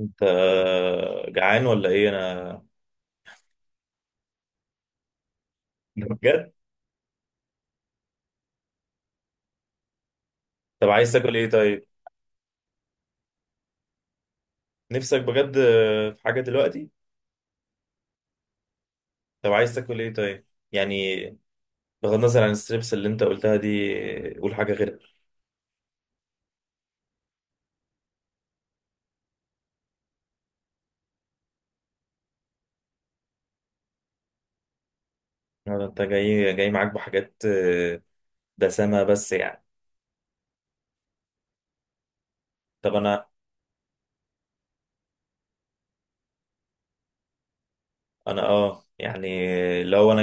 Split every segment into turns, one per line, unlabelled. انت جعان ولا ايه؟ انا بجد. طب عايز تاكل ايه طيب؟ نفسك بجد في حاجه دلوقتي؟ طب عايز تاكل ايه طيب؟ يعني بغض النظر عن الستريبس اللي انت قلتها دي، قول حاجه غيرها. ولا انت جاي معاك بحاجات دسمه بس يعني. طب انا يعني لو انا،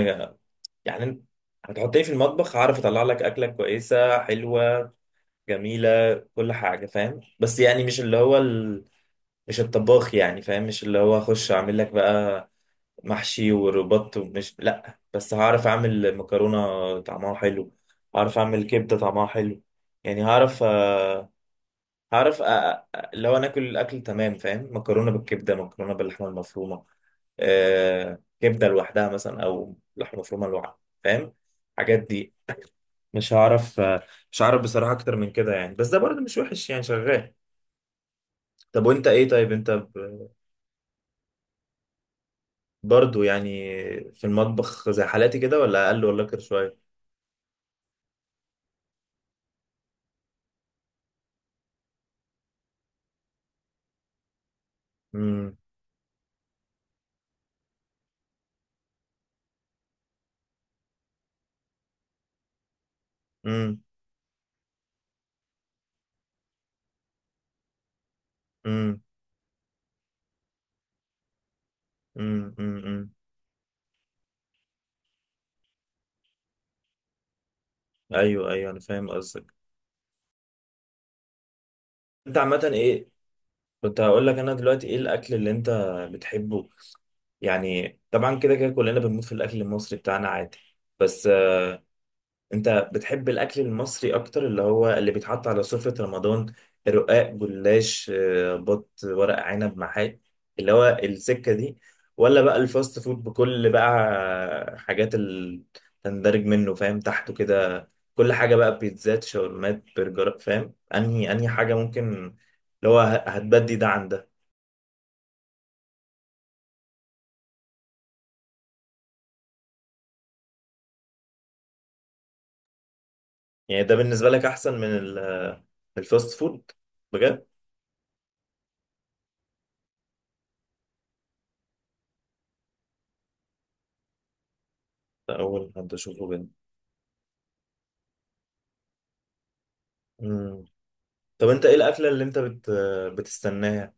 يعني انت هتحط ايه في المطبخ؟ هعرف اطلع لك اكله كويسه حلوه جميله، كل حاجه فاهم، بس يعني مش اللي هو مش الطباخ يعني، فاهم؟ مش اللي هو اخش اعمل لك بقى محشي وربط ومش لا، بس هعرف اعمل مكرونة طعمها حلو، هعرف اعمل كبدة طعمها حلو. يعني هعرف اللي هو ناكل الاكل تمام، فاهم؟ مكرونة بالكبدة، مكرونة باللحمة المفرومة، كبدة لوحدها مثلا او لحمة مفرومة لوحدها، فاهم الحاجات دي؟ مش هعرف آه، مش هعرف بصراحة اكتر من كده يعني، بس ده برضه مش وحش يعني، شغال. طب وانت ايه طيب؟ انت برضو يعني في المطبخ زي حالاتي كده، ولا اقل، ولا اكتر شويه؟ امم. امم. امم. امم. امم. ايوه ايوه، انا فاهم قصدك. انت عامه ايه؟ كنت هقول لك انا دلوقتي ايه الاكل اللي انت بتحبه؟ يعني طبعا كده كده كلنا بنموت في الاكل المصري بتاعنا عادي، بس انت بتحب الاكل المصري اكتر، اللي هو اللي بيتحط على سفرة رمضان؟ رقاق، جلاش، بط، ورق عنب، محاشي، اللي هو السكة دي؟ ولا بقى الفاست فود بكل بقى حاجات اللي تندرج منه، فاهم تحته كده؟ كل حاجة بقى، بيتزات، شاورمات، برجر، فاهم؟ انهي حاجة ممكن اللي هو هتبدي ده عن ده؟ يعني ده بالنسبة لك احسن من الفاست فود؟ بجد؟ ده اول حد اشوفه بجد. مم. طب انت ايه الاكله اللي انت بتستناها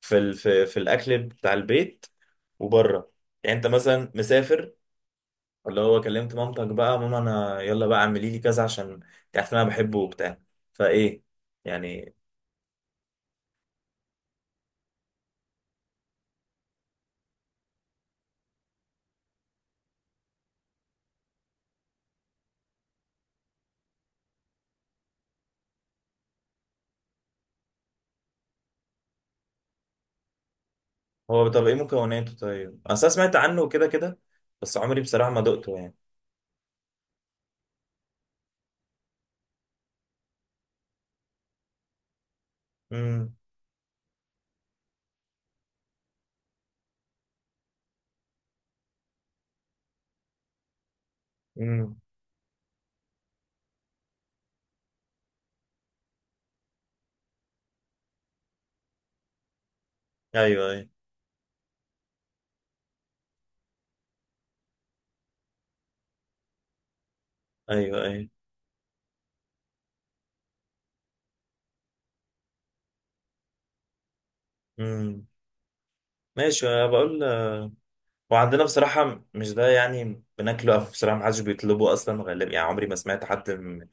في في الاكل بتاع البيت وبره؟ يعني انت مثلا مسافر، اللي هو كلمت مامتك بقى، ماما انا يلا بقى اعملي لي كذا عشان انت عارف ان انا بحبه وبتاع، فايه يعني؟ هو طب ايه مكوناته طيب؟ اصل انا سمعت عنه كده كده، بس عمري بصراحه ما دقته يعني. امم. امم. ايوه ايوه ايوه ايوه. امم. ماشي، انا بقول. وعندنا بصراحة مش ده يعني بناكله، أو بصراحة محدش بيطلبه أصلا غالبا، يعني عمري ما سمعت حد من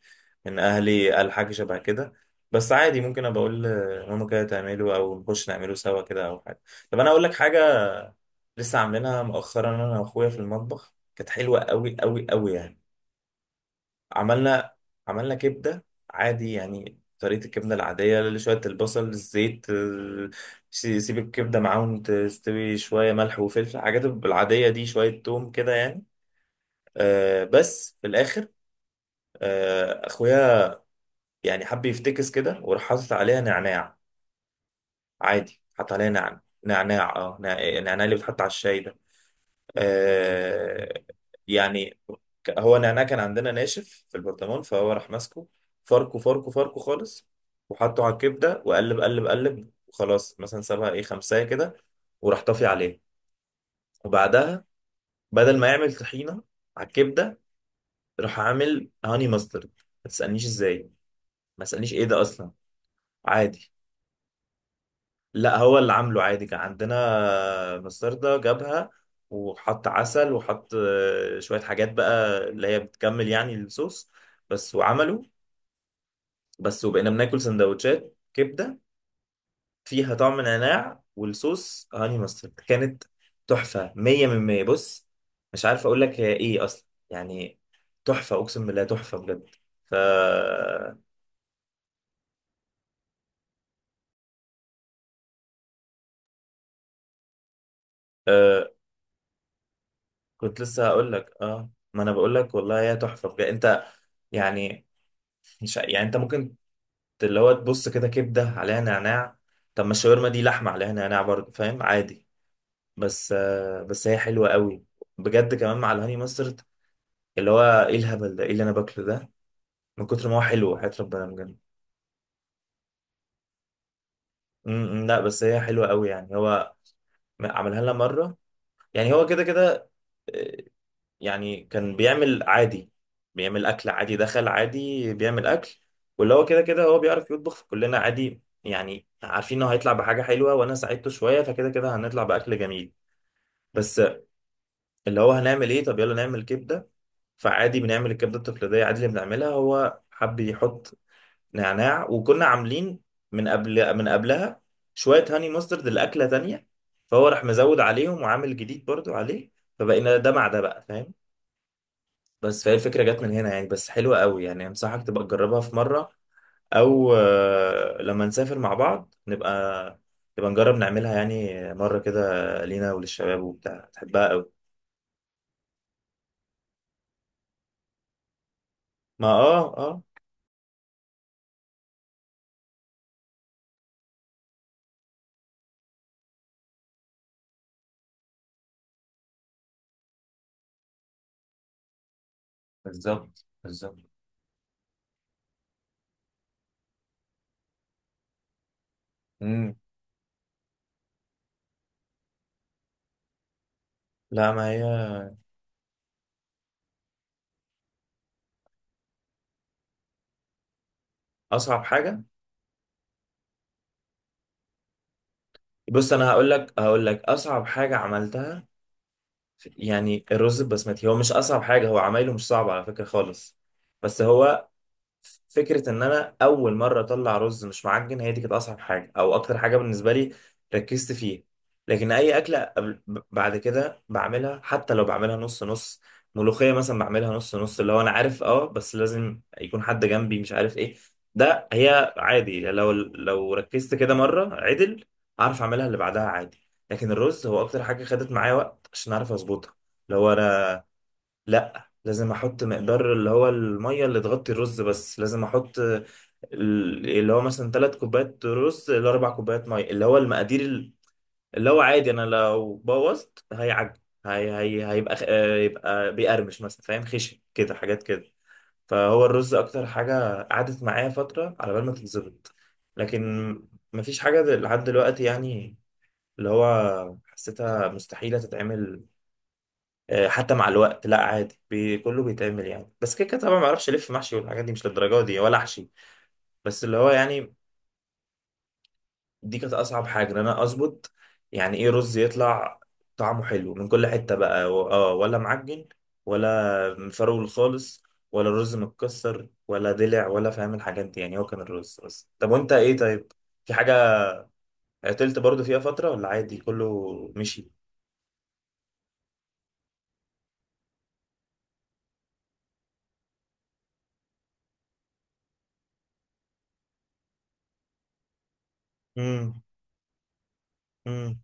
من أهلي قال حاجة شبه كده. بس عادي، ممكن أبقى أقول لماما كده تعمله، أو نخش نعمله سوا كده، أو حاجة. طب أنا أقول لك حاجة؟ لسه عاملينها مؤخرا أنا وأخويا في المطبخ، كانت حلوة أوي أوي أوي يعني. عملنا عملنا كبدة عادي يعني، طريقة الكبدة العادية، اللي شوية البصل، الزيت، سيب الكبدة معاهم تستوي، شوية ملح وفلفل الحاجات العادية دي، شوية توم كده يعني. بس في الاخر، اخويا يعني حب يفتكس كده، وراح حاطط عليها نعناع. عادي، حط عليها نعناع، نعناع، نعناع اللي بيتحط على الشاي ده. آه يعني هو نعناع كان عندنا ناشف في البرطمان، فهو راح ماسكه، فركه فركه فركه خالص، وحطه على الكبده، وقلب قلب قلب، وخلاص مثلا سابها ايه خمسه كده، وراح طافي عليه. وبعدها بدل ما يعمل طحينه على الكبده، راح عامل هاني ماسترد. ما تسألنيش ازاي، ما اسألنيش ايه ده اصلا. عادي، لا هو اللي عامله عادي، كان عندنا مستردة جابها، وحط عسل، وحط شوية حاجات بقى اللي هي بتكمل يعني الصوص، بس وعمله. بس وبقينا بناكل سندوتشات كبدة فيها طعم نعناع والصوص هاني مسترد، كانت تحفة، 100 من 100. بص مش عارف اقول لك هي ايه اصلا يعني، تحفة اقسم بالله، تحفة بجد. ف آه، كنت لسه هقول لك، ما انا بقول لك والله هي تحفه بجد انت يعني. مش يعني انت ممكن اللي هو تبص كده كبده عليها نعناع؟ طب ما الشاورما دي لحمه عليها نعناع برضه، فاهم؟ عادي. بس هي حلوه قوي بجد، كمان مع الهاني مسترد، اللي هو ايه الهبل ده؟ ايه اللي انا باكله ده من كتر ما هو حلو، حياة ربنا بجد. أمم، لا بس هي حلوه قوي يعني. هو عملها لنا مره يعني، هو كده كده يعني كان بيعمل عادي، بيعمل اكل عادي، دخل عادي بيعمل اكل، واللي هو كده كده هو بيعرف يطبخ، فكلنا عادي يعني عارفين انه هيطلع بحاجه حلوه، وانا ساعدته شويه، فكده كده هنطلع باكل جميل. بس اللي هو هنعمل ايه طب؟ يلا نعمل كبده. فعادي بنعمل الكبده التقليديه، عادي اللي بنعملها، هو حب يحط نعناع، وكنا عاملين من قبلها شويه هاني مسترد الاكله تانية، فهو راح مزود عليهم وعامل جديد برضو عليه، فبقينا ده مع ده بقى، فاهم؟ بس فهي الفكرة جت من هنا يعني، بس حلوة قوي يعني، أنصحك تبقى تجربها في مرة، أو لما نسافر مع بعض نبقى نجرب نعملها يعني مرة كده، لينا وللشباب وبتاع، تحبها قوي. ما بالظبط بالظبط. امم. لا ما هي أصعب حاجة. بص أنا هقول لك، أصعب حاجة عملتها يعني الرز البسمتي. هو مش أصعب حاجة، هو عمايله مش صعب على فكرة خالص، بس هو فكره ان انا اول مره اطلع رز مش معجن، هي دي كانت اصعب حاجه او اكتر حاجه بالنسبه لي ركزت فيها. لكن اي اكله بعد كده بعملها، حتى لو بعملها نص نص. ملوخيه مثلا بعملها نص نص اللي هو انا عارف، بس لازم يكون حد جنبي، مش عارف ايه، ده هي عادي، لو ركزت كده مره عدل اعرف اعملها، اللي بعدها عادي. لكن الرز هو اكتر حاجه خدت معايا وقت عشان اعرف اظبطها. اللي هو انا لا لازم احط مقدار اللي هو الميه اللي تغطي الرز، بس لازم احط اللي هو مثلا 3 كوبايات رز لاربع كوبايات ميه، اللي هو المقادير اللي هو عادي، انا لو بوظت هيعج. هي هي هيبقى يبقى بيقرمش مثلا، فاهم خشن كده حاجات كده. فهو الرز اكتر حاجه قعدت معايا فتره على بال ما تتظبط. لكن مفيش حاجه لحد دلوقتي يعني، اللي هو حسيتها مستحيله تتعمل، حتى مع الوقت لا، عادي بي كله بيتعمل يعني، بس كده كده طبعا ما اعرفش الف محشي والحاجات دي مش للدرجه دي ولا احشي، بس اللي هو يعني دي كانت اصعب حاجه ان انا اظبط يعني ايه رز يطلع طعمه حلو من كل حته بقى، ولا معجن، ولا مفرول خالص، ولا الرز متكسر، ولا دلع، ولا فاهم الحاجات دي يعني، هو كان الرز بس. طب وانت ايه طيب؟ في حاجه عطلت برضو فيها فتره، ولا عادي كله مشي؟ امم. امم.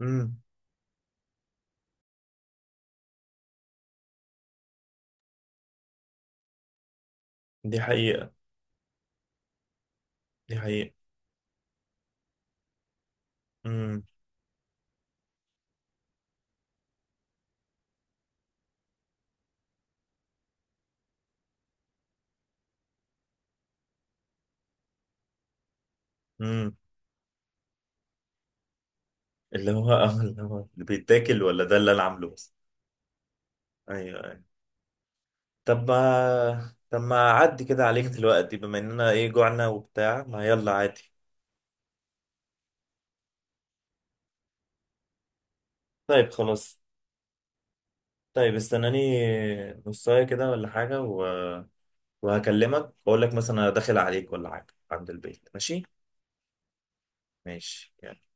امم. دي حقيقه، دي حقيقه. امم. اللي هو اللي بيتاكل، ولا ده اللي انا عامله بس؟ ايوه ايوه. طب ما اعدي كده عليك دلوقتي بما اننا ايه جوعنا وبتاع، ما يلا عادي. طيب خلاص، طيب استناني نصايه كده ولا حاجه وهكلمك واقول لك مثلا انا داخل عليك ولا حاجه عند البيت، ماشي؟ ماشي